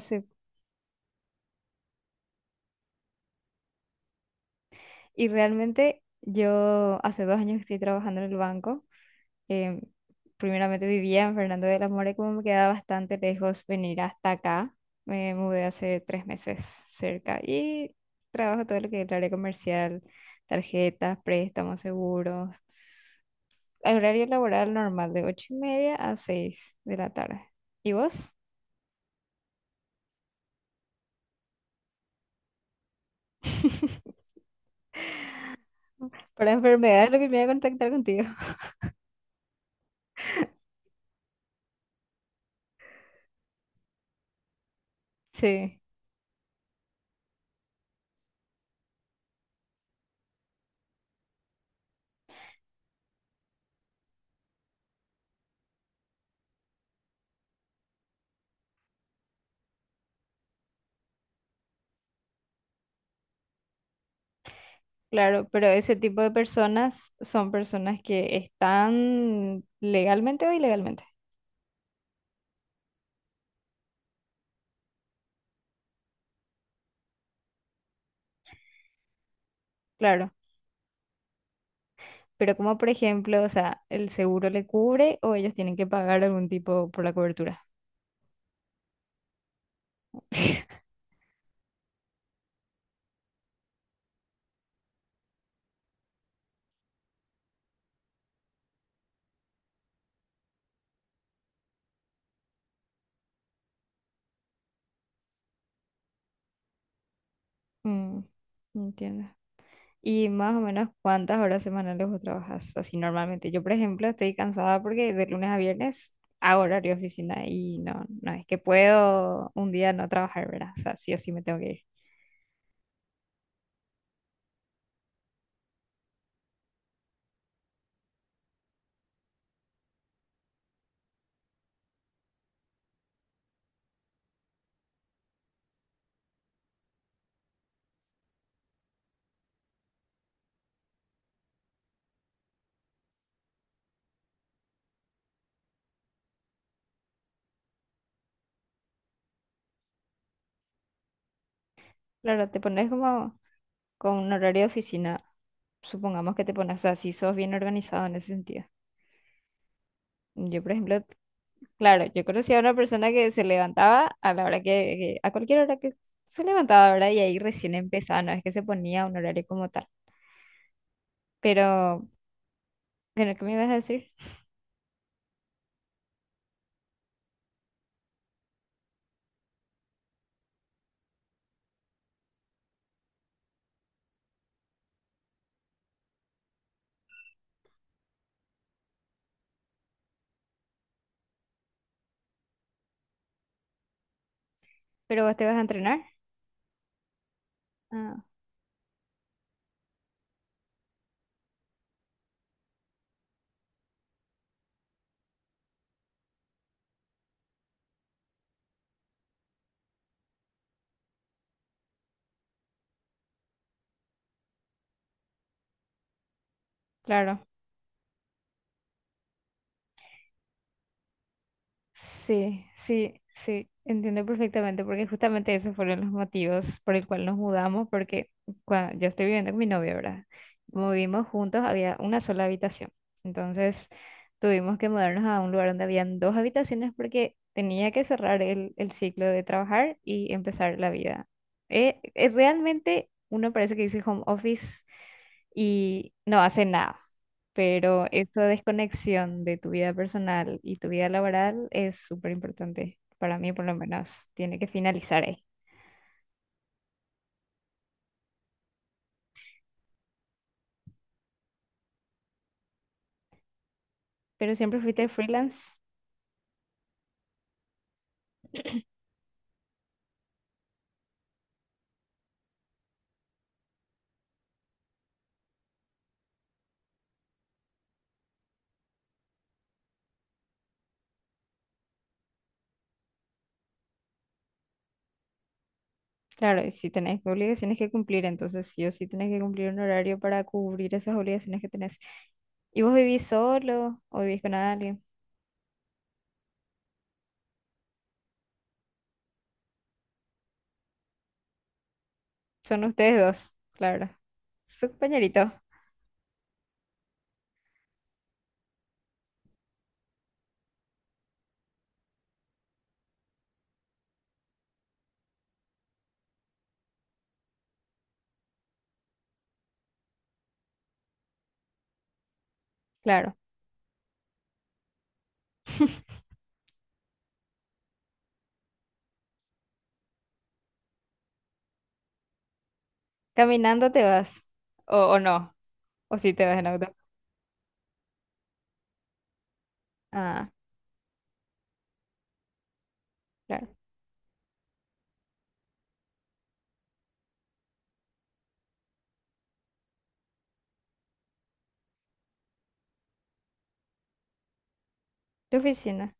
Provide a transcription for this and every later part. Sí. Y realmente yo hace 2 años que estoy trabajando en el banco. em, Primeramente vivía en Fernando de la Mora y como me quedaba bastante lejos venir hasta acá, me mudé hace 3 meses cerca y trabajo todo lo que es el área comercial, tarjetas, préstamos, seguros. El horario laboral normal de 8:30 a 6 de la tarde. ¿Y vos? Para enfermedades lo que me voy a contactar contigo. Sí. Claro, pero ese tipo de personas son personas que están legalmente o ilegalmente, claro. Pero como por ejemplo, o sea, el seguro le cubre o ellos tienen que pagar algún tipo por la cobertura. Mm, entiendo. Y más o menos cuántas horas semanales vos trabajas así normalmente. Yo, por ejemplo, estoy cansada porque de lunes a viernes hago horario de oficina y no, no es que puedo un día no trabajar, ¿verdad? O sea, sí o sí me tengo que ir. Claro, te pones como con un horario de oficina, supongamos que te pones, o sea, si sos bien organizado en ese sentido. Yo, por ejemplo, claro, yo conocía a una persona que se levantaba a la hora que, a cualquier hora que se levantaba, ¿verdad? Y ahí recién empezaba, no es que se ponía un horario como tal. Pero, bueno, ¿qué me ibas a decir? ¿Pero vos te vas a entrenar? Ah, claro. Sí, sí, sí, entiendo perfectamente porque justamente esos fueron los motivos por el cual nos mudamos porque cuando yo estoy viviendo con mi novio, ¿verdad? Como vivimos juntos, había una sola habitación. Entonces tuvimos que mudarnos a un lugar donde habían dos habitaciones porque tenía que cerrar el ciclo de trabajar y empezar la vida. Realmente uno parece que dice home office y no hace nada. Pero esa desconexión de tu vida personal y tu vida laboral es súper importante. Para mí, por lo menos, tiene que finalizar ahí. Pero siempre fuiste freelance. Claro, y si tenés obligaciones que cumplir, entonces sí o sí tenés que cumplir un horario para cubrir esas obligaciones que tenés. ¿Y vos vivís solo o vivís con alguien? Son ustedes dos, claro. Su compañerito, claro. ¿Caminando te vas? ¿O no? ¿O si te vas en auto? Ah, claro. Tu oficina.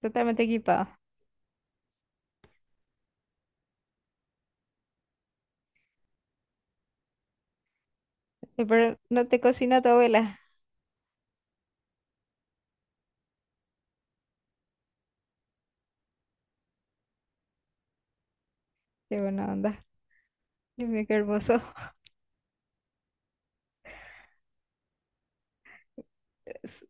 Totalmente equipado. Pero no te cocina tu abuela. Qué buena onda. Dios mío, qué hermoso. Es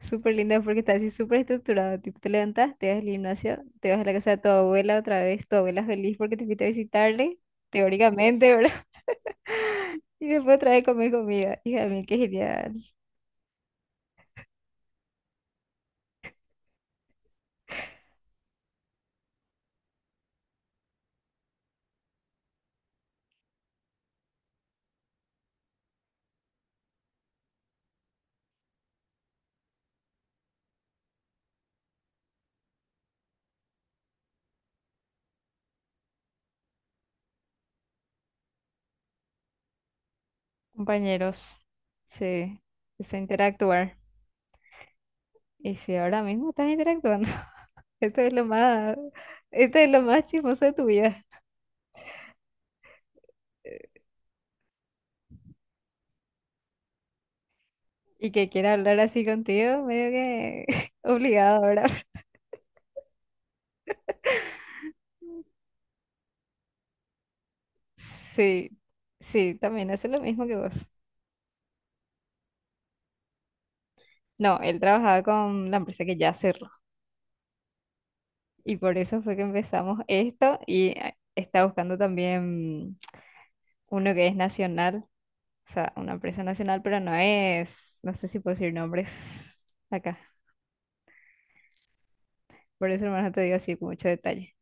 súper lindo porque está así súper estructurado. Tipo, te levantas, te vas al gimnasio, te vas a la casa de tu abuela otra vez. Tu abuela feliz porque te fuiste a visitarle, teóricamente, ¿verdad? Y después otra vez comer comida. Hija mía, qué genial. Compañeros, sí, es interactuar. Y si ahora mismo estás interactuando, esto es lo más, esto es lo más chismoso de tu vida. Y que quiera hablar así contigo, medio que obligado a hablar. Sí, sí, también hace lo mismo que vos. No, él trabajaba con la empresa que ya cerró. Y por eso fue que empezamos esto y está buscando también uno que es nacional, o sea, una empresa nacional, pero no es, no sé si puedo decir nombres acá. Por eso, hermano, te digo así con mucho detalle.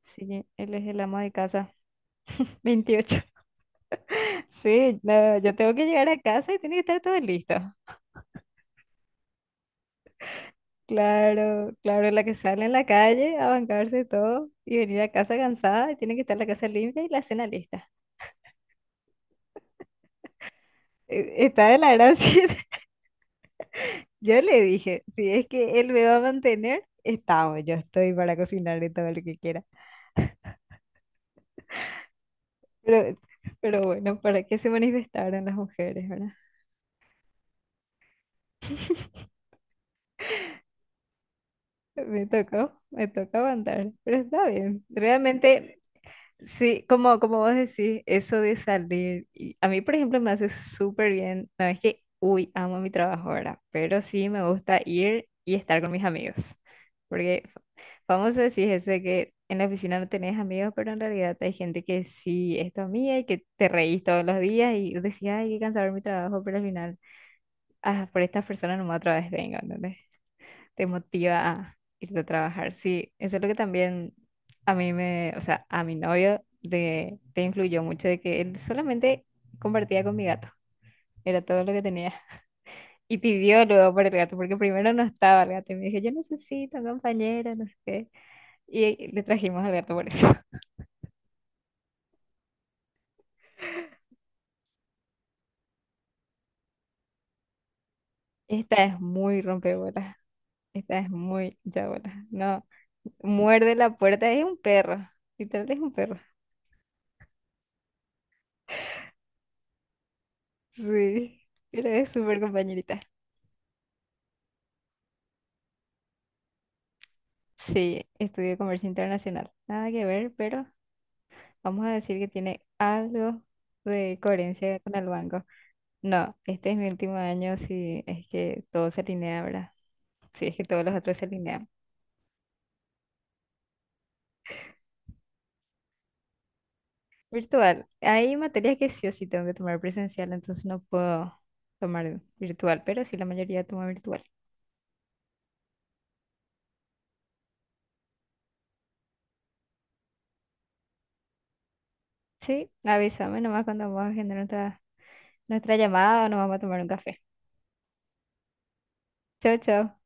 Sí, él es el amo de casa. 28. Sí, no, yo tengo que llegar a casa y tiene que estar todo listo. Claro, claro, la que sale en la calle a bancarse todo y venir a casa cansada y tiene que estar la casa limpia y la cena lista. Está de la gracia. Yo le dije, si es que él me va a mantener, estamos, yo estoy para cocinarle todo lo que quiera. Pero, pero bueno, ¿para qué se manifestaron las mujeres, verdad? Me tocó aguantar, pero está bien. Realmente sí, como vos decís, eso de salir, y a mí, por ejemplo, me hace súper bien. No es que, uy, amo mi trabajo ahora, pero sí me gusta ir y estar con mis amigos. Porque famoso decís ese que en la oficina no tenés amigos, pero en realidad hay gente que sí es tu amiga y que te reís todos los días y decías, ay, qué cansado mi trabajo, pero al final, ah, por estas personas nomás otra vez vengo, ¿entendés? Te motiva a irte a trabajar. Sí, eso es lo que también a mí me, o sea, a mi novio le influyó mucho de que él solamente compartía con mi gato, era todo lo que tenía. Y pidió luego por el gato, porque primero no estaba el gato y me dijo, yo necesito un compañero, no sé qué. Y le trajimos al gato por eso. Esta es muy rompebolas, esta es muy chabola. No, muerde la puerta, es un perro, literal es un perro. Sí, pero es súper compañerita. Sí, estudié comercio internacional. Nada que ver, pero vamos a decir que tiene algo de coherencia con el banco. No, este es mi último año si es que todo se alinea, ¿verdad? Si es que todos los otros se alinean. Virtual. Hay materias que sí o sí tengo que tomar presencial, entonces no puedo tomar virtual, pero sí la mayoría toma virtual. Sí, avísame nomás cuando vamos a agendar nuestra llamada o nos vamos a tomar un café. Chao, chao.